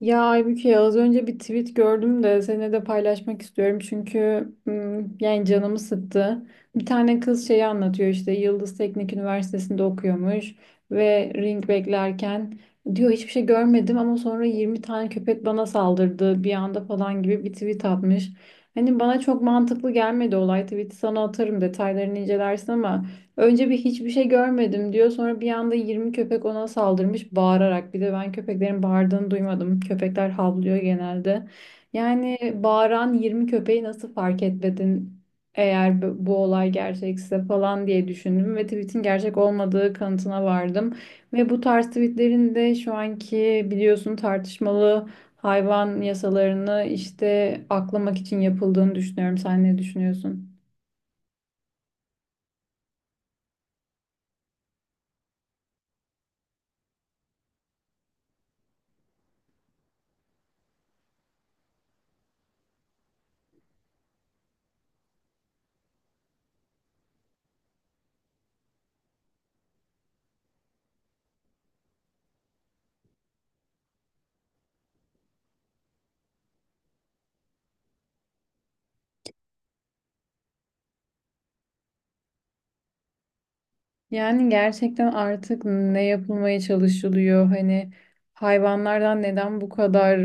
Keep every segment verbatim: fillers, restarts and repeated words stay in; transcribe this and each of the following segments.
Ya Aybüke az önce bir tweet gördüm de seninle de paylaşmak istiyorum çünkü mm, yani canımı sıktı. Bir tane kız şeyi anlatıyor işte Yıldız Teknik Üniversitesi'nde okuyormuş ve ring beklerken diyor hiçbir şey görmedim, ama sonra yirmi tane köpek bana saldırdı bir anda falan gibi bir tweet atmış. Hani bana çok mantıklı gelmedi olay, tweet'i sana atarım detaylarını incelersin, ama önce bir hiçbir şey görmedim diyor. Sonra bir anda yirmi köpek ona saldırmış bağırarak. Bir de ben köpeklerin bağırdığını duymadım. Köpekler havlıyor genelde. Yani bağıran yirmi köpeği nasıl fark etmedin eğer bu, bu olay gerçekse falan diye düşündüm ve tweetin gerçek olmadığı kanıtına vardım. Ve bu tarz tweetlerin de şu anki biliyorsun tartışmalı hayvan yasalarını işte aklamak için yapıldığını düşünüyorum. Sen ne düşünüyorsun? Yani gerçekten artık ne yapılmaya çalışılıyor? Hani hayvanlardan neden bu kadar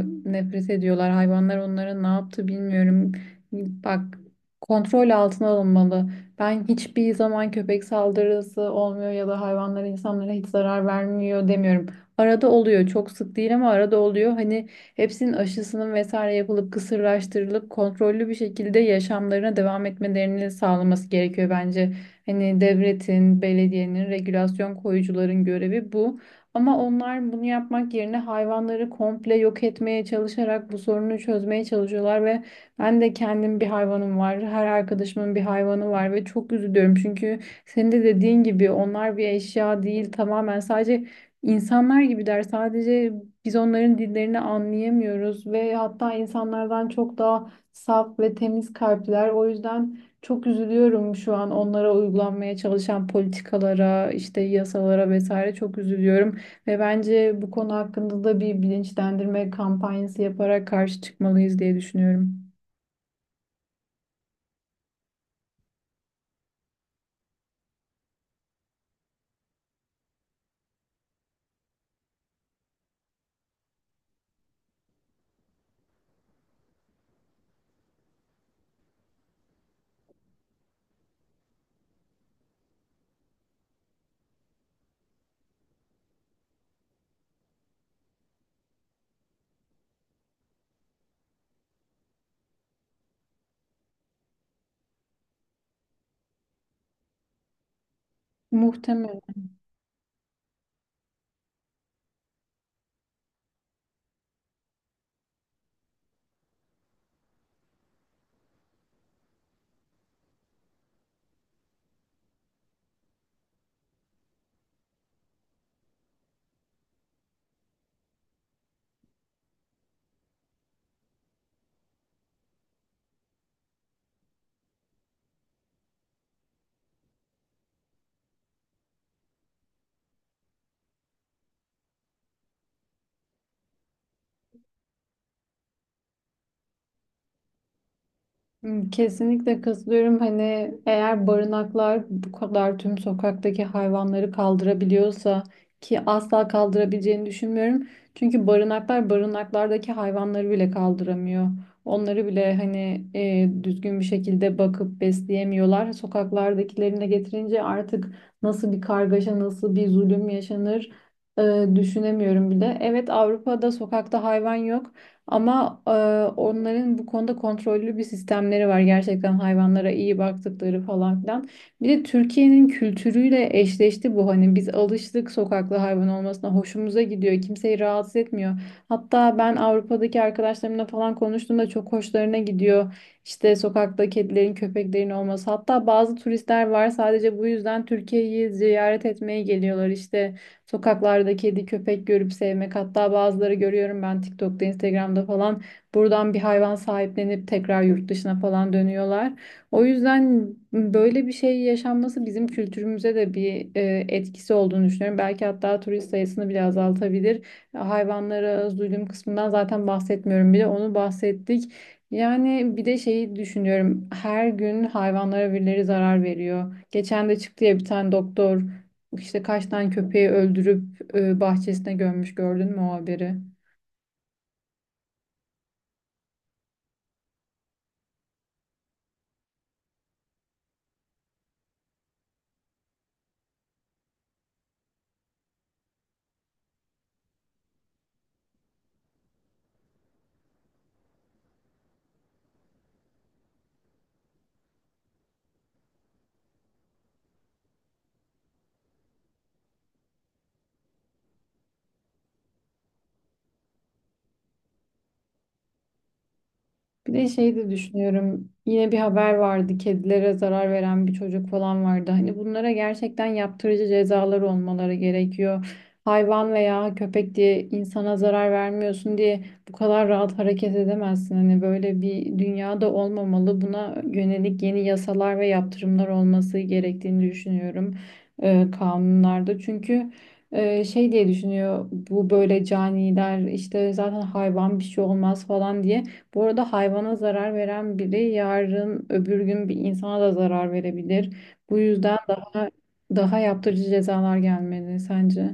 e, nefret ediyorlar? Hayvanlar onlara ne yaptı bilmiyorum. Bak, kontrol altına alınmalı. Ben hiçbir zaman köpek saldırısı olmuyor ya da hayvanlara insanlara hiç zarar vermiyor demiyorum. Arada oluyor. Çok sık değil ama arada oluyor. Hani hepsinin aşısının vesaire yapılıp kısırlaştırılıp kontrollü bir şekilde yaşamlarına devam etmelerini sağlaması gerekiyor bence. Hani devletin, belediyenin, regülasyon koyucuların görevi bu. Ama onlar bunu yapmak yerine hayvanları komple yok etmeye çalışarak bu sorunu çözmeye çalışıyorlar ve ben de kendim bir hayvanım var. Her arkadaşımın bir hayvanı var ve çok üzülüyorum. Çünkü senin de dediğin gibi onlar bir eşya değil, tamamen sadece insanlar gibiler. Sadece biz onların dillerini anlayamıyoruz ve hatta insanlardan çok daha saf ve temiz kalpliler. O yüzden çok üzülüyorum şu an onlara uygulanmaya çalışan politikalara, işte yasalara vesaire, çok üzülüyorum. Ve bence bu konu hakkında da bir bilinçlendirme kampanyası yaparak karşı çıkmalıyız diye düşünüyorum. Muhtemelen. Hmm, kesinlikle katılıyorum. Hani eğer barınaklar bu kadar tüm sokaktaki hayvanları kaldırabiliyorsa, ki asla kaldırabileceğini düşünmüyorum. Çünkü barınaklar barınaklardaki hayvanları bile kaldıramıyor. Onları bile hani e, düzgün bir şekilde bakıp besleyemiyorlar. Sokaklardakilerini de getirince artık nasıl bir kargaşa, nasıl bir zulüm yaşanır e, düşünemiyorum bile. Evet, Avrupa'da sokakta hayvan yok. Ama e, onların bu konuda kontrollü bir sistemleri var. Gerçekten hayvanlara iyi baktıkları falan filan. Bir de Türkiye'nin kültürüyle eşleşti bu. Hani biz alıştık sokaklı hayvan olmasına. Hoşumuza gidiyor. Kimseyi rahatsız etmiyor. Hatta ben Avrupa'daki arkadaşlarımla falan konuştuğumda çok hoşlarına gidiyor. İşte sokakta kedilerin, köpeklerin olması. Hatta bazı turistler var sadece bu yüzden Türkiye'yi ziyaret etmeye geliyorlar. İşte sokaklarda kedi köpek görüp sevmek, hatta bazıları görüyorum ben TikTok'ta Instagram'da falan buradan bir hayvan sahiplenip tekrar yurt dışına falan dönüyorlar. O yüzden böyle bir şey yaşanması bizim kültürümüze de bir e, etkisi olduğunu düşünüyorum. Belki hatta turist sayısını bile azaltabilir. Hayvanlara zulüm kısmından zaten bahsetmiyorum bile, onu bahsettik. Yani bir de şeyi düşünüyorum. Her gün hayvanlara birileri zarar veriyor. Geçen de çıktı ya bir tane doktor. İşte kaç tane köpeği öldürüp e, bahçesine gömmüş, gördün mü o haberi? Bir de şey de düşünüyorum. Yine bir haber vardı. Kedilere zarar veren bir çocuk falan vardı. Hani bunlara gerçekten yaptırıcı cezalar olmaları gerekiyor. Hayvan veya köpek diye insana zarar vermiyorsun diye bu kadar rahat hareket edemezsin. Hani böyle bir dünyada olmamalı. Buna yönelik yeni yasalar ve yaptırımlar olması gerektiğini düşünüyorum e, kanunlarda. Çünkü e, şey diye düşünüyor bu böyle caniler işte, zaten hayvan bir şey olmaz falan diye. Bu arada hayvana zarar veren biri yarın öbür gün bir insana da zarar verebilir. Bu yüzden daha daha yaptırıcı cezalar gelmeli sence?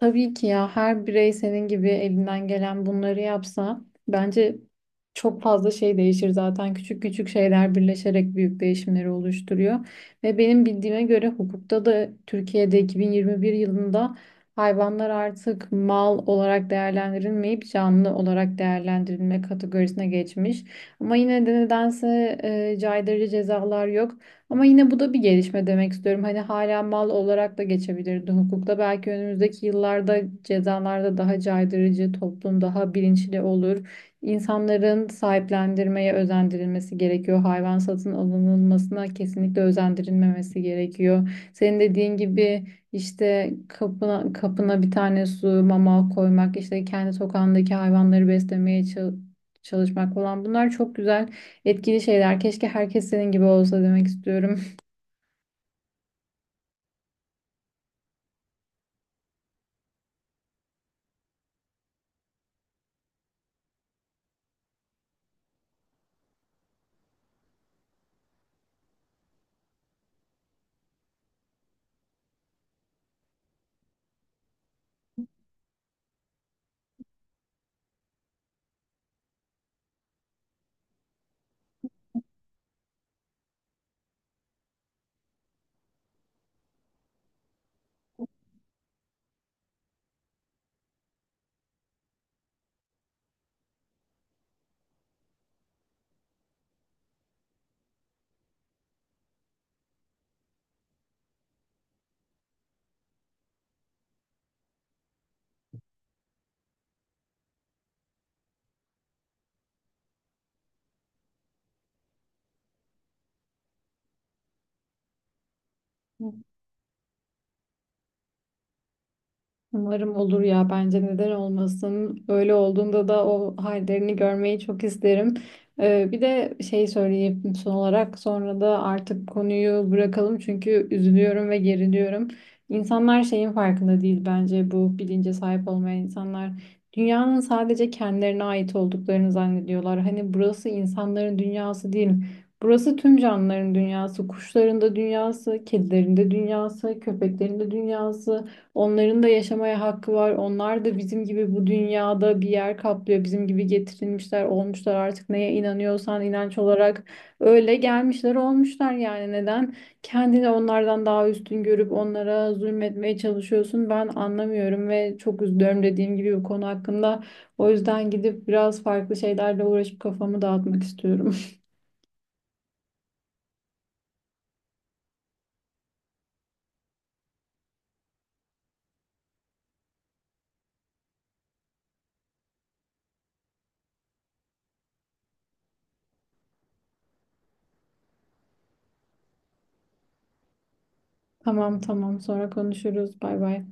Tabii ki ya, her birey senin gibi elinden gelen bunları yapsa bence çok fazla şey değişir zaten. Küçük küçük şeyler birleşerek büyük değişimleri oluşturuyor. Ve benim bildiğime göre hukukta da Türkiye'de iki bin yirmi bir yılında hayvanlar artık mal olarak değerlendirilmeyip canlı olarak değerlendirilme kategorisine geçmiş. Ama yine de nedense e, caydırıcı cezalar yok. Ama yine bu da bir gelişme demek istiyorum. Hani hala mal olarak da geçebilirdi hukukta. Belki önümüzdeki yıllarda cezalarda daha caydırıcı, toplum daha bilinçli olur. İnsanların sahiplendirmeye özendirilmesi gerekiyor. Hayvan satın alınılmasına kesinlikle özendirilmemesi gerekiyor. Senin dediğin gibi işte kapına, kapına bir tane su, mama koymak, işte kendi sokağındaki hayvanları beslemeye çal- çalışmak falan, bunlar çok güzel, etkili şeyler. Keşke herkes senin gibi olsa demek istiyorum. Umarım olur ya, bence neden olmasın. Öyle olduğunda da o hallerini görmeyi çok isterim. Ee, bir de şey söyleyeyim son olarak, sonra da artık konuyu bırakalım çünkü üzülüyorum ve geriliyorum. İnsanlar şeyin farkında değil bence, bu bilince sahip olmayan insanlar. Dünyanın sadece kendilerine ait olduklarını zannediyorlar. Hani burası insanların dünyası değil. Burası tüm canlıların dünyası, kuşların da dünyası, kedilerin de dünyası, köpeklerin de dünyası. Onların da yaşamaya hakkı var. Onlar da bizim gibi bu dünyada bir yer kaplıyor. Bizim gibi getirilmişler, olmuşlar artık neye inanıyorsan inanç olarak, öyle gelmişler, olmuşlar yani. Neden kendini onlardan daha üstün görüp onlara zulmetmeye çalışıyorsun? Ben anlamıyorum ve çok üzülüyorum dediğim gibi bu konu hakkında. O yüzden gidip biraz farklı şeylerle uğraşıp kafamı dağıtmak istiyorum. Tamam tamam, sonra konuşuruz. Bay bay.